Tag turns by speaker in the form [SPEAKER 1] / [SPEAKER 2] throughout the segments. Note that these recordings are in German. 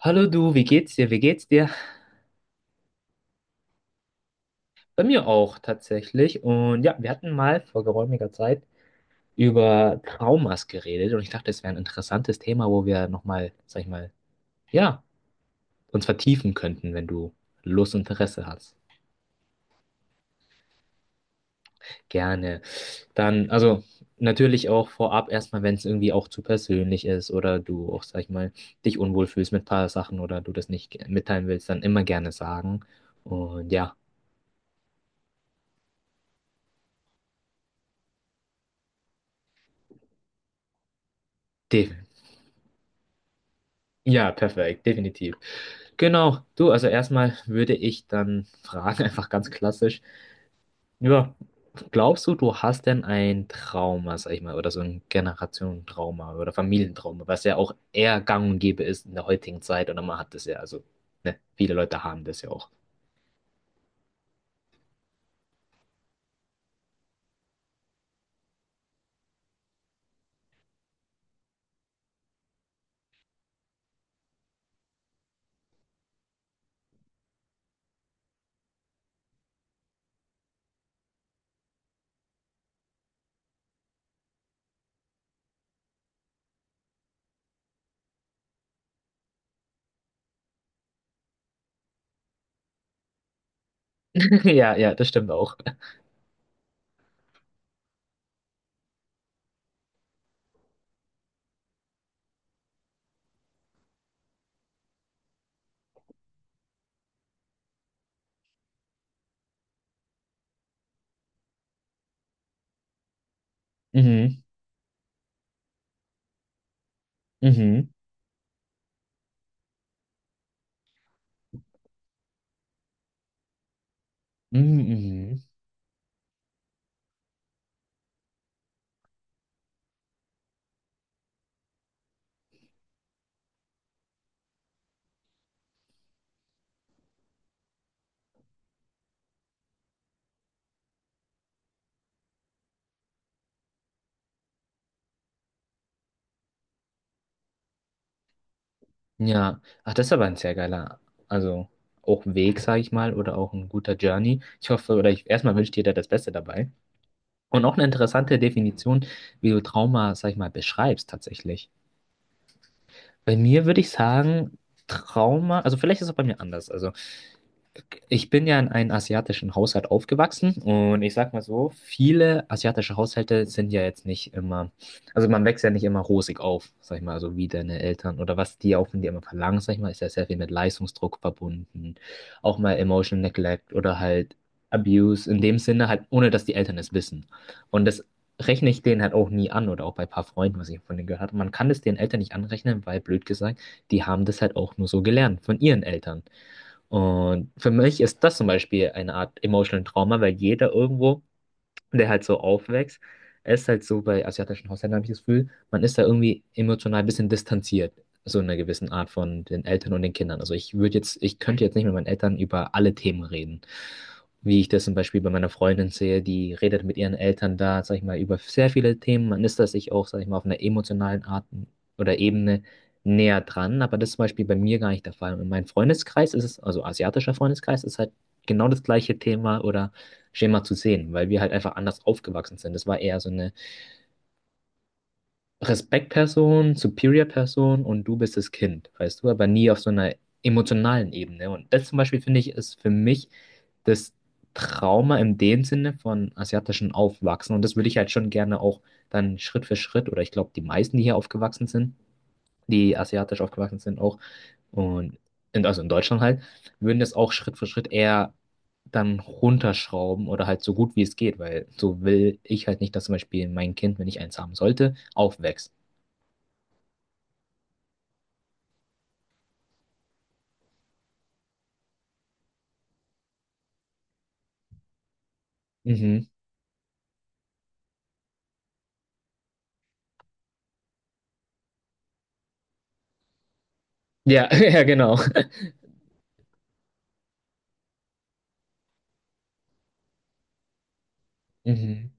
[SPEAKER 1] Hallo du, wie geht's dir? Bei mir auch tatsächlich. Und ja, wir hatten mal vor geräumiger Zeit über Traumas geredet und ich dachte, es wäre ein interessantes Thema, wo wir nochmal, sag ich mal, ja, uns vertiefen könnten, wenn du Lust und Interesse hast. Gerne. Dann, also natürlich auch vorab erstmal, wenn es irgendwie auch zu persönlich ist oder du auch, sag ich mal, dich unwohl fühlst mit ein paar Sachen oder du das nicht mitteilen willst, dann immer gerne sagen. Und ja, def ja, perfekt, definitiv. Genau, du, also erstmal würde ich dann fragen, einfach ganz klassisch, ja, glaubst du, du hast denn ein Trauma, sag ich mal, oder so ein Generationentrauma oder Familientrauma, was ja auch eher gang und gäbe ist in der heutigen Zeit oder man hat das ja, also, ne, viele Leute haben das ja auch. Ja, ja, das stimmt auch. Mhm, mhm, mhm, mhm. Ja, ach, das ist aber ein sehr geiler, also auch Weg, sag ich mal, oder auch ein guter Journey. Ich hoffe, oder ich, erstmal wünsche dir da das Beste dabei. Und auch eine interessante Definition, wie du Trauma, sag ich mal, beschreibst tatsächlich. Bei mir würde ich sagen, Trauma, also vielleicht ist es auch bei mir anders. Also ich bin ja in einem asiatischen Haushalt aufgewachsen und ich sag mal so, viele asiatische Haushalte sind ja jetzt nicht immer, also man wächst ja nicht immer rosig auf, sag ich mal, also wie deine Eltern oder was die auch von dir immer verlangen, sag ich mal, ist ja sehr viel mit Leistungsdruck verbunden, auch mal Emotional Neglect oder halt Abuse, in dem Sinne halt, ohne dass die Eltern es wissen. Und das rechne ich denen halt auch nie an oder auch bei ein paar Freunden, was ich von denen gehört habe. Man kann das den Eltern nicht anrechnen, weil blöd gesagt, die haben das halt auch nur so gelernt von ihren Eltern. Und für mich ist das zum Beispiel eine Art Emotional Trauma, weil jeder irgendwo der halt so aufwächst. Es ist halt so bei asiatischen Haushalten, habe ich das Gefühl, man ist da irgendwie emotional ein bisschen distanziert, so in einer gewissen Art von den Eltern und den Kindern. Also ich würde jetzt, ich könnte jetzt nicht mit meinen Eltern über alle Themen reden. Wie ich das zum Beispiel bei meiner Freundin sehe, die redet mit ihren Eltern da, sag ich mal, über sehr viele Themen. Man ist da sich auch, sag ich mal, auf einer emotionalen Art oder Ebene näher dran, aber das ist zum Beispiel bei mir gar nicht der Fall. Und in meinem Freundeskreis ist es, also asiatischer Freundeskreis, ist halt genau das gleiche Thema oder Schema zu sehen, weil wir halt einfach anders aufgewachsen sind. Das war eher so eine Respektperson, Superior-Person und du bist das Kind, weißt du, aber nie auf so einer emotionalen Ebene. Und das zum Beispiel finde ich ist für mich das Trauma in dem Sinne von asiatischen Aufwachsen. Und das würde ich halt schon gerne auch dann Schritt für Schritt oder ich glaube, die meisten, die hier aufgewachsen sind, die asiatisch aufgewachsen sind auch und in, also in Deutschland halt, würden das auch Schritt für Schritt eher dann runterschrauben oder halt so gut wie es geht, weil so will ich halt nicht, dass zum Beispiel mein Kind, wenn ich eins haben sollte, aufwächst. Mhm. Ja, ja, genau. Mhm.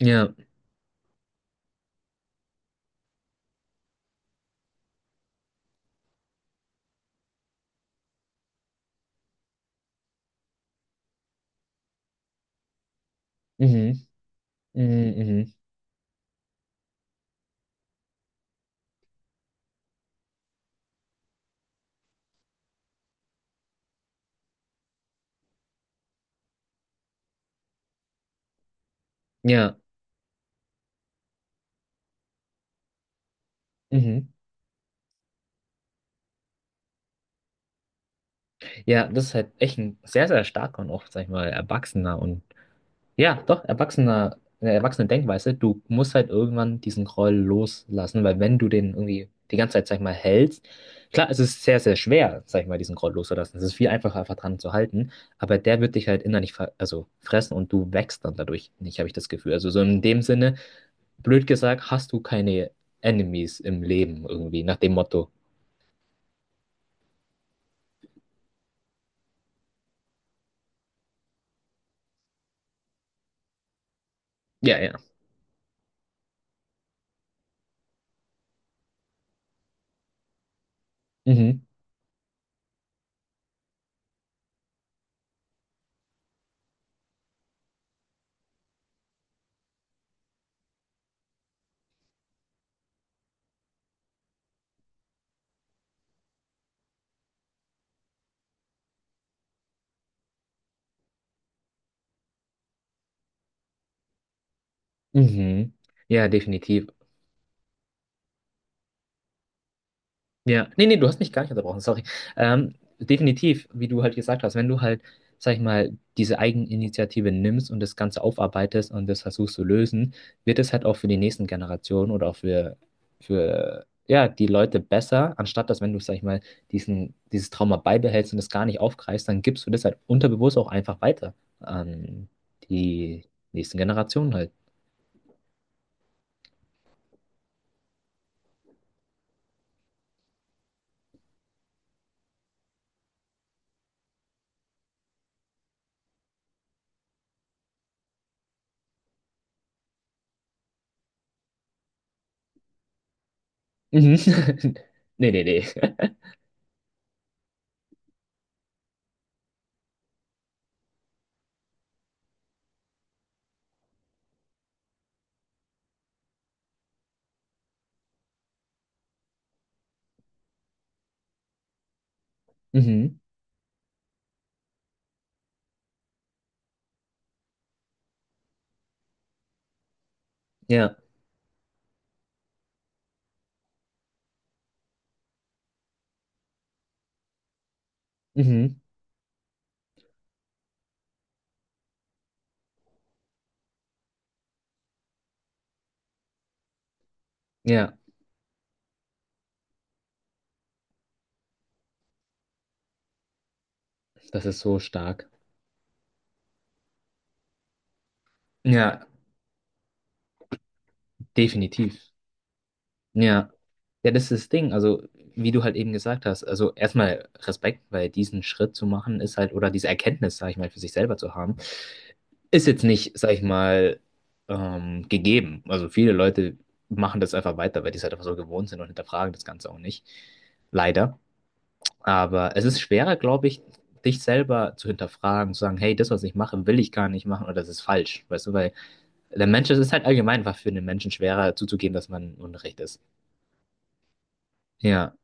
[SPEAKER 1] Ja. Mhm. Mhm. Mhm. Ja. Mhm. Ja, das ist halt echt ein sehr, sehr starker und auch, sag ich mal, erwachsener und ja, doch, erwachsener, eine erwachsene Denkweise. Du musst halt irgendwann diesen Groll loslassen, weil wenn du den irgendwie die ganze Zeit, sag ich mal, hältst, klar, es ist sehr, sehr schwer, sag ich mal, diesen Groll loszulassen. Es ist viel einfacher, einfach dran zu halten, aber der wird dich halt innerlich ver also fressen und du wächst dann dadurch nicht, habe ich das Gefühl. Also so in dem Sinne, blöd gesagt, hast du keine Enemies im Leben irgendwie, nach dem Motto. Ja, ja. Mhm. Mhm. Ja, definitiv. Ja, nee, nee, du hast mich gar nicht unterbrochen, sorry. Definitiv, wie du halt gesagt hast, wenn du halt, sag ich mal, diese Eigeninitiative nimmst und das Ganze aufarbeitest und das versuchst zu lösen, wird es halt auch für die nächsten Generationen oder auch für ja, die Leute besser, anstatt dass, wenn du, sag ich mal, dieses Trauma beibehältst und es gar nicht aufgreifst, dann gibst du das halt unterbewusst auch einfach weiter an die nächsten Generationen halt. Mhm. Nee, nee, nee. Mhm. Ja. Mhm. Ja. Das ist so stark. Ja, definitiv. Ja. Ja, das ist das Ding. Also, wie du halt eben gesagt hast, also erstmal Respekt, weil diesen Schritt zu machen ist halt, oder diese Erkenntnis, sag ich mal, für sich selber zu haben, ist jetzt nicht, sag ich mal, gegeben. Also viele Leute machen das einfach weiter, weil die es halt einfach so gewohnt sind und hinterfragen das Ganze auch nicht. Leider. Aber es ist schwerer, glaube ich, dich selber zu hinterfragen, zu sagen, hey, das, was ich mache, will ich gar nicht machen oder das ist falsch. Weißt du, weil der Mensch, es ist halt allgemein einfach für den Menschen schwerer zuzugeben, dass man Unrecht ist. Ja,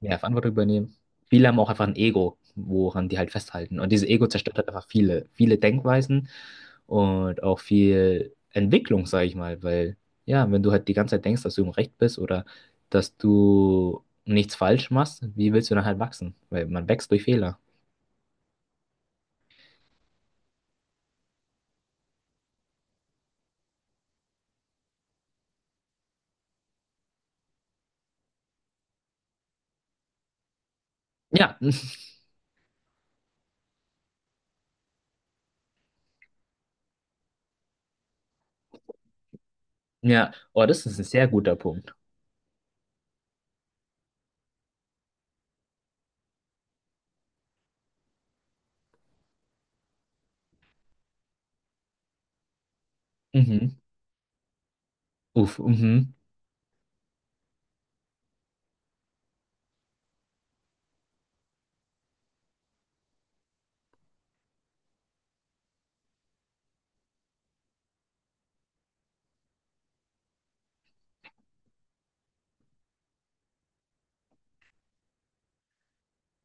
[SPEAKER 1] mehr Verantwortung übernehmen. Viele haben auch einfach ein Ego, woran die halt festhalten. Und dieses Ego zerstört halt einfach viele, viele Denkweisen und auch viel Entwicklung, sage ich mal. Weil, ja, wenn du halt die ganze Zeit denkst, dass du im Recht bist oder dass du nichts falsch machst, wie willst du dann halt wachsen? Weil man wächst durch Fehler. Ja, ja, oh, das ist ein sehr guter Punkt. Mhm. Uff, mhm.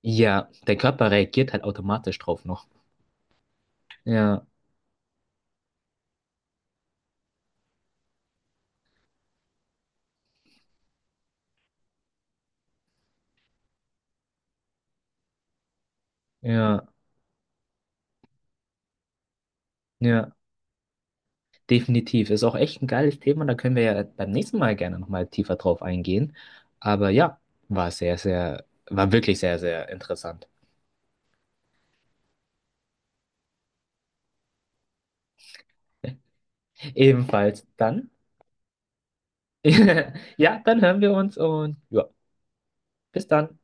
[SPEAKER 1] Ja, dein Körper reagiert halt automatisch drauf noch. Ja, ja, ja, definitiv. Ist auch echt ein geiles Thema. Da können wir ja beim nächsten Mal gerne nochmal tiefer drauf eingehen. Aber ja, war wirklich sehr, sehr interessant. Ebenfalls dann. Ja, dann hören wir uns und ja, bis dann.